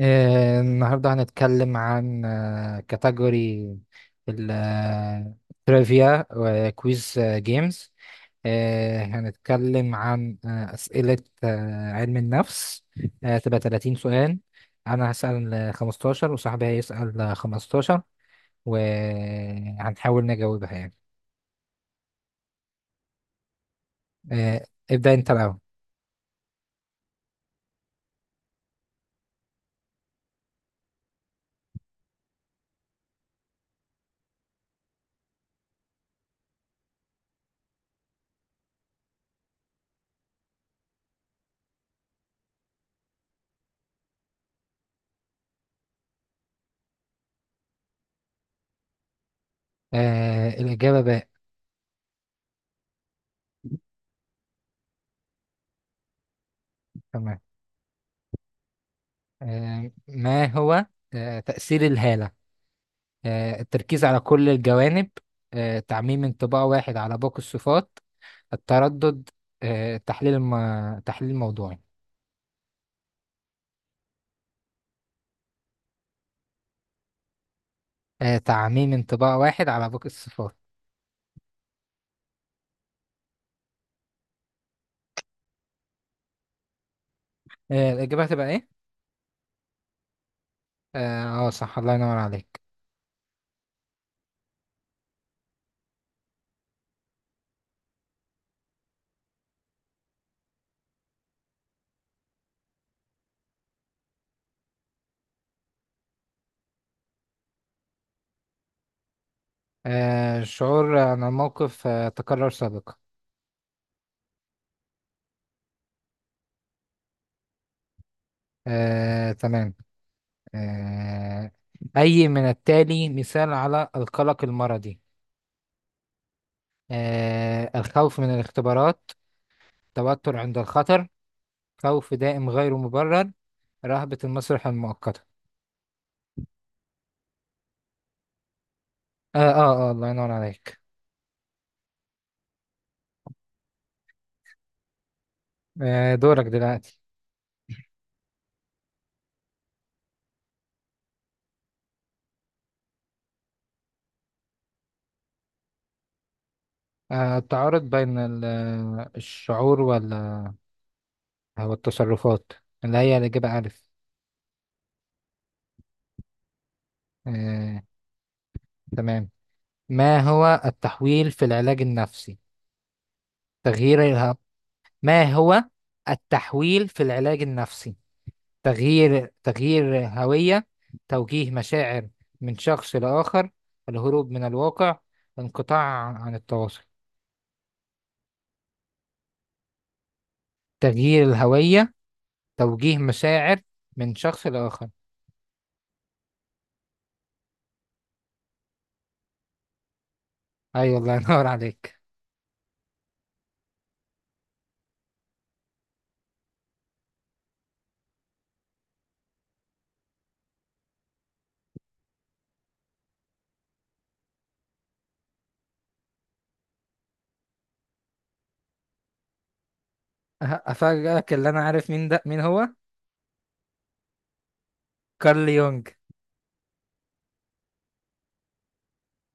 النهاردة هنتكلم عن كاتيجوري التريفيا وكويز جيمز. هنتكلم عن أسئلة علم النفس. تبقى 30 سؤال. أنا هسأل 15، وصاحبي هيسأل 15، وهنحاول نجاوبها يعني. آه، ابدأ أنت الأول. الإجابة باء. تمام. ما هو تأثير الهالة؟ التركيز على كل الجوانب. تعميم انطباع واحد على باقي الصفات. التردد. آه، تحليل الم... تحليل موضوعي. تعميم انطباع واحد على باقي الصفات. الإجابة هتبقى إيه؟ صح، الله ينور عليك. شعور عن الموقف تكرر سابقا. تمام. آه، أي من التالي مثال على القلق المرضي؟ الخوف من الاختبارات. توتر عند الخطر. خوف دائم غير مبرر. رهبة المسرح المؤقتة. الله ينور عليك. دورك دلوقتي. التعارض بين الشعور والتصرفات، اللي هي الإجابة ألف. آه تمام. ما هو التحويل في العلاج النفسي؟ تغيير الهو... ما هو التحويل في العلاج النفسي؟ تغيير هوية. توجيه مشاعر من شخص لآخر. الهروب من الواقع. انقطاع عن التواصل. تغيير الهوية. توجيه مشاعر من شخص لآخر. أيوة، الله ينور عليك. أفاجئك، اللي أنا عارف مين ده، مين هو. كارل يونج.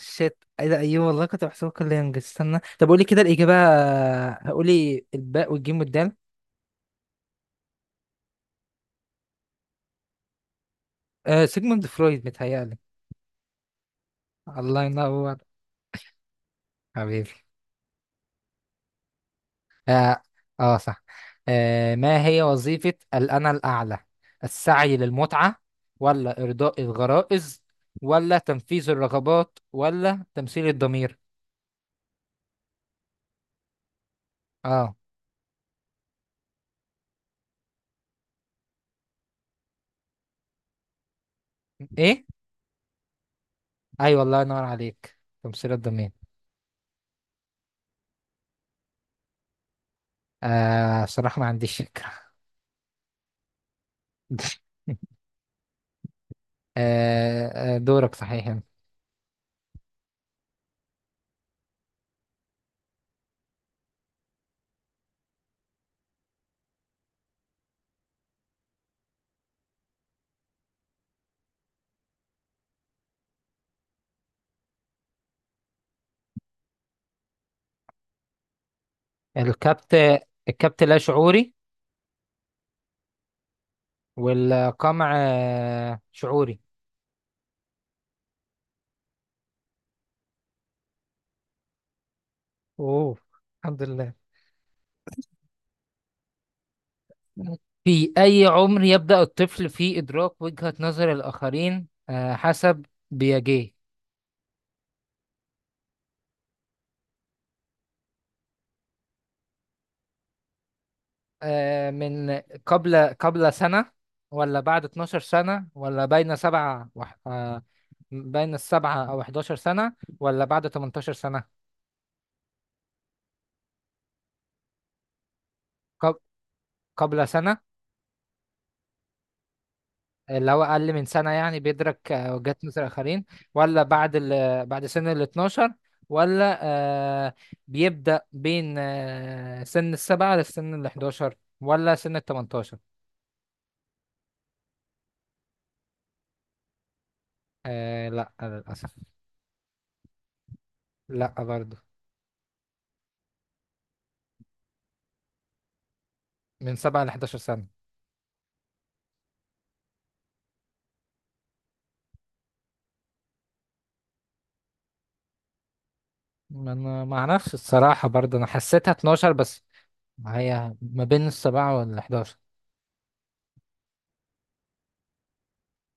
شيت، ايه ده، ايوه والله كنت بحسبه كارل يونج. استنى، طب قولي كده الإجابة. قولي الباء والجيم والدال. سيجموند فرويد متهيألي. الله ينور. حبيبي. اه، صح. ما هي وظيفة الأنا الأعلى؟ السعي للمتعة، ولا إرضاء الغرائز، ولا تنفيذ الرغبات، ولا تمثيل الضمير؟ اه. ايه. ايوه، الله ينور عليك. تمثيل الضمير. صراحة ما عنديش فكرة. دورك صحيح. الكبت الكبت لا شعوري. والقمع شعوري. اوه، الحمد لله. في أي عمر يبدأ الطفل في إدراك وجهة نظر الآخرين، حسب بياجيه؟ من قبل سنة، ولا بعد 12 سنة، ولا بين سبعة وح... آه، بين السبعة أو 11 سنة، ولا بعد 18 سنة؟ قب... قبل سنة. اللي هو أقل من سنة يعني بيدرك وجهات نظر الآخرين؟ ولا بعد سن ال 12؟ ولا آه، بيبدأ بين سن السبعة للسن ال 11، ولا سن ال 18؟ لا للأسف. لا برضه. من سبعة ل 11 سنة. ما انا ما اعرفش الصراحة برضه، انا حسيتها 12 بس. هي ما بين السبعة وال11.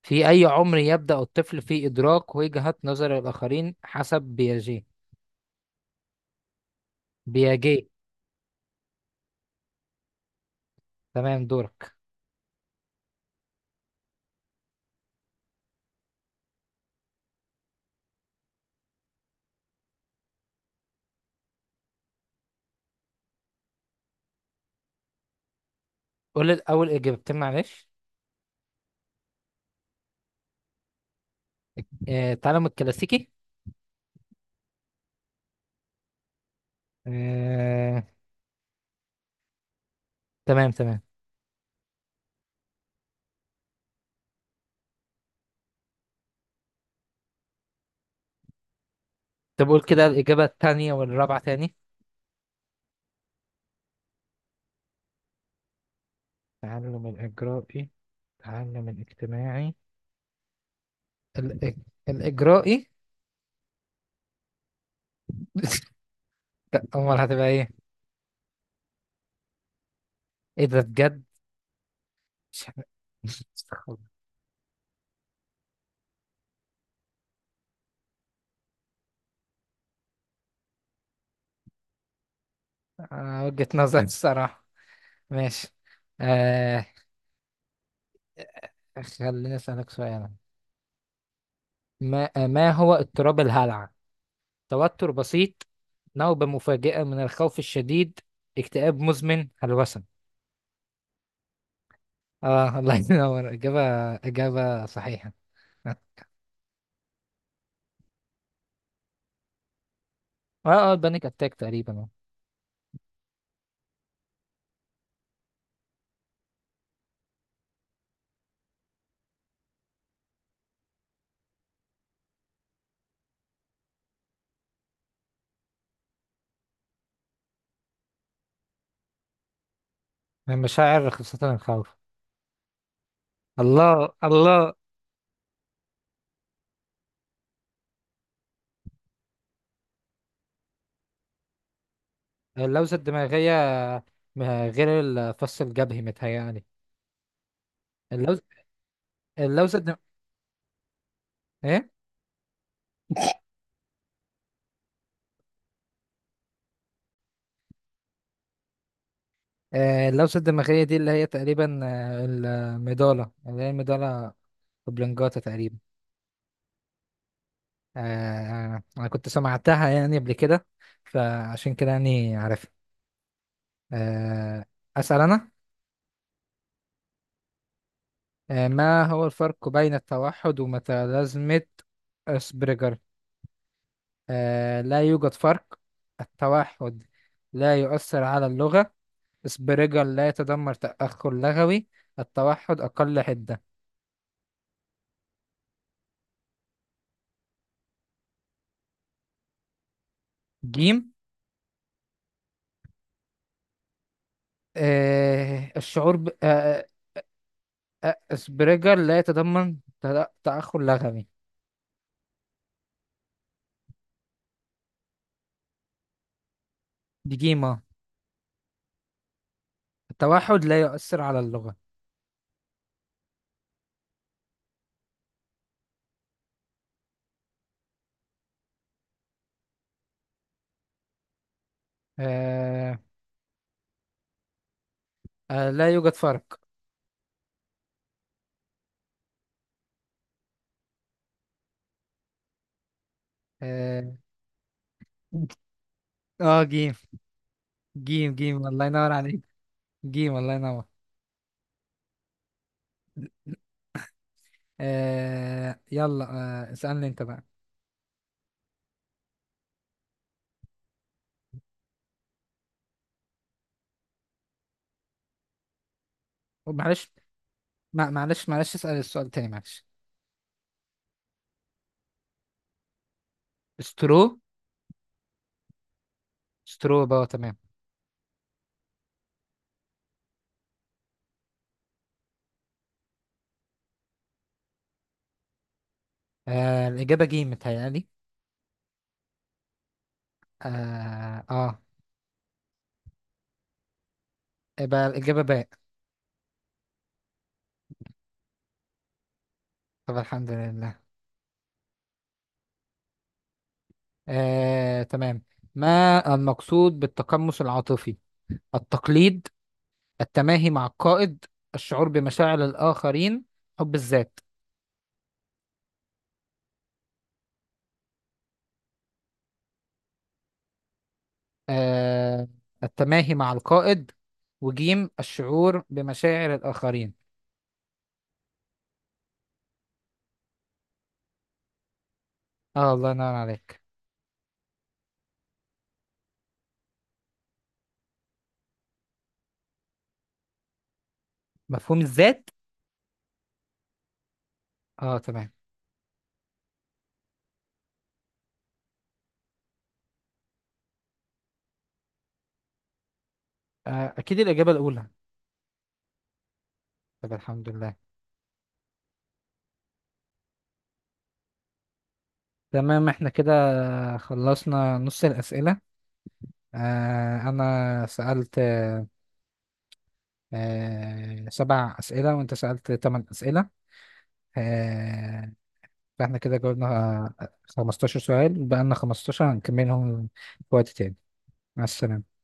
في اي عمر يبدأ الطفل في ادراك وجهة نظر الاخرين حسب بياجي؟ بياجي. تمام، دورك. قول الاول اجابتين معلش. تعلم الكلاسيكي. آه تمام. تمام، طب قول كده الاجابة التانية والرابعة تاني. تعلم الاجرائي. تعلم الاجتماعي. الإج... الاجرائي. لا، امال هتبقى ايه؟ ايه ده بجد؟ مش. وجهة نظر الصراحة. ماشي. آه خليني أسألك سؤال. ما هو اضطراب الهلع؟ توتر بسيط. نوبة مفاجئة من الخوف الشديد. اكتئاب مزمن. هلوسة. اه، الله ينور إجابة صحيحة. اه. اه، البانيك أتاك تقريبا. من مشاعر خاصة الخوف. الله الله. اللوزة الدماغية. غير الفص الجبهي متهيألي. اللوز اللوزة الدم... إيه؟ اللوسة الدماغية دي اللي هي تقريبا، المضالة اللي هي المضالة وبلنجاتا تقريبا. أنا كنت سمعتها يعني قبل كده، فعشان كده يعني عارفها. آه، أسأل أنا. ما هو الفرق بين التوحد وميتالازمة أسبرجر؟ لا يوجد فرق. التوحد لا يؤثر على اللغة. أسبرجر لا يتضمن تأخر لغوي. التوحد أقل حدة. جيم. آه، الشعور ب... آه اسبرجر لا يتضمن تأخر لغوي. ديجيما. التوحد لا يؤثر على اللغة. آه لا يوجد فرق. آه, جيم، جيم، جيم، الله ينور عليك. جيم، الله ينور. يلا. اسألني انت بقى. معلش. معلش. معلش، اسأل السؤال تاني، معلش. سترو. سترو بقى تمام. الإجابة جيم متهيألي. اه. يبقى الإجابة باء. طب الحمد لله. تمام. ما المقصود بالتقمص العاطفي؟ التقليد. التماهي مع القائد. الشعور بمشاعر الآخرين. حب الذات. آه، التماهي مع القائد، وجيم الشعور بمشاعر الآخرين. اه، الله ينور عليك. مفهوم الذات. اه، تمام. أكيد الإجابة الأولى. طب الحمد لله. تمام، احنا كده خلصنا نص الأسئلة. أنا سألت سبع أسئلة، وأنت سألت ثمان أسئلة. آه، فاحنا كده جاوبنا 15 سؤال، بقى لنا 15 هنكملهم في وقت تاني. مع السلامة.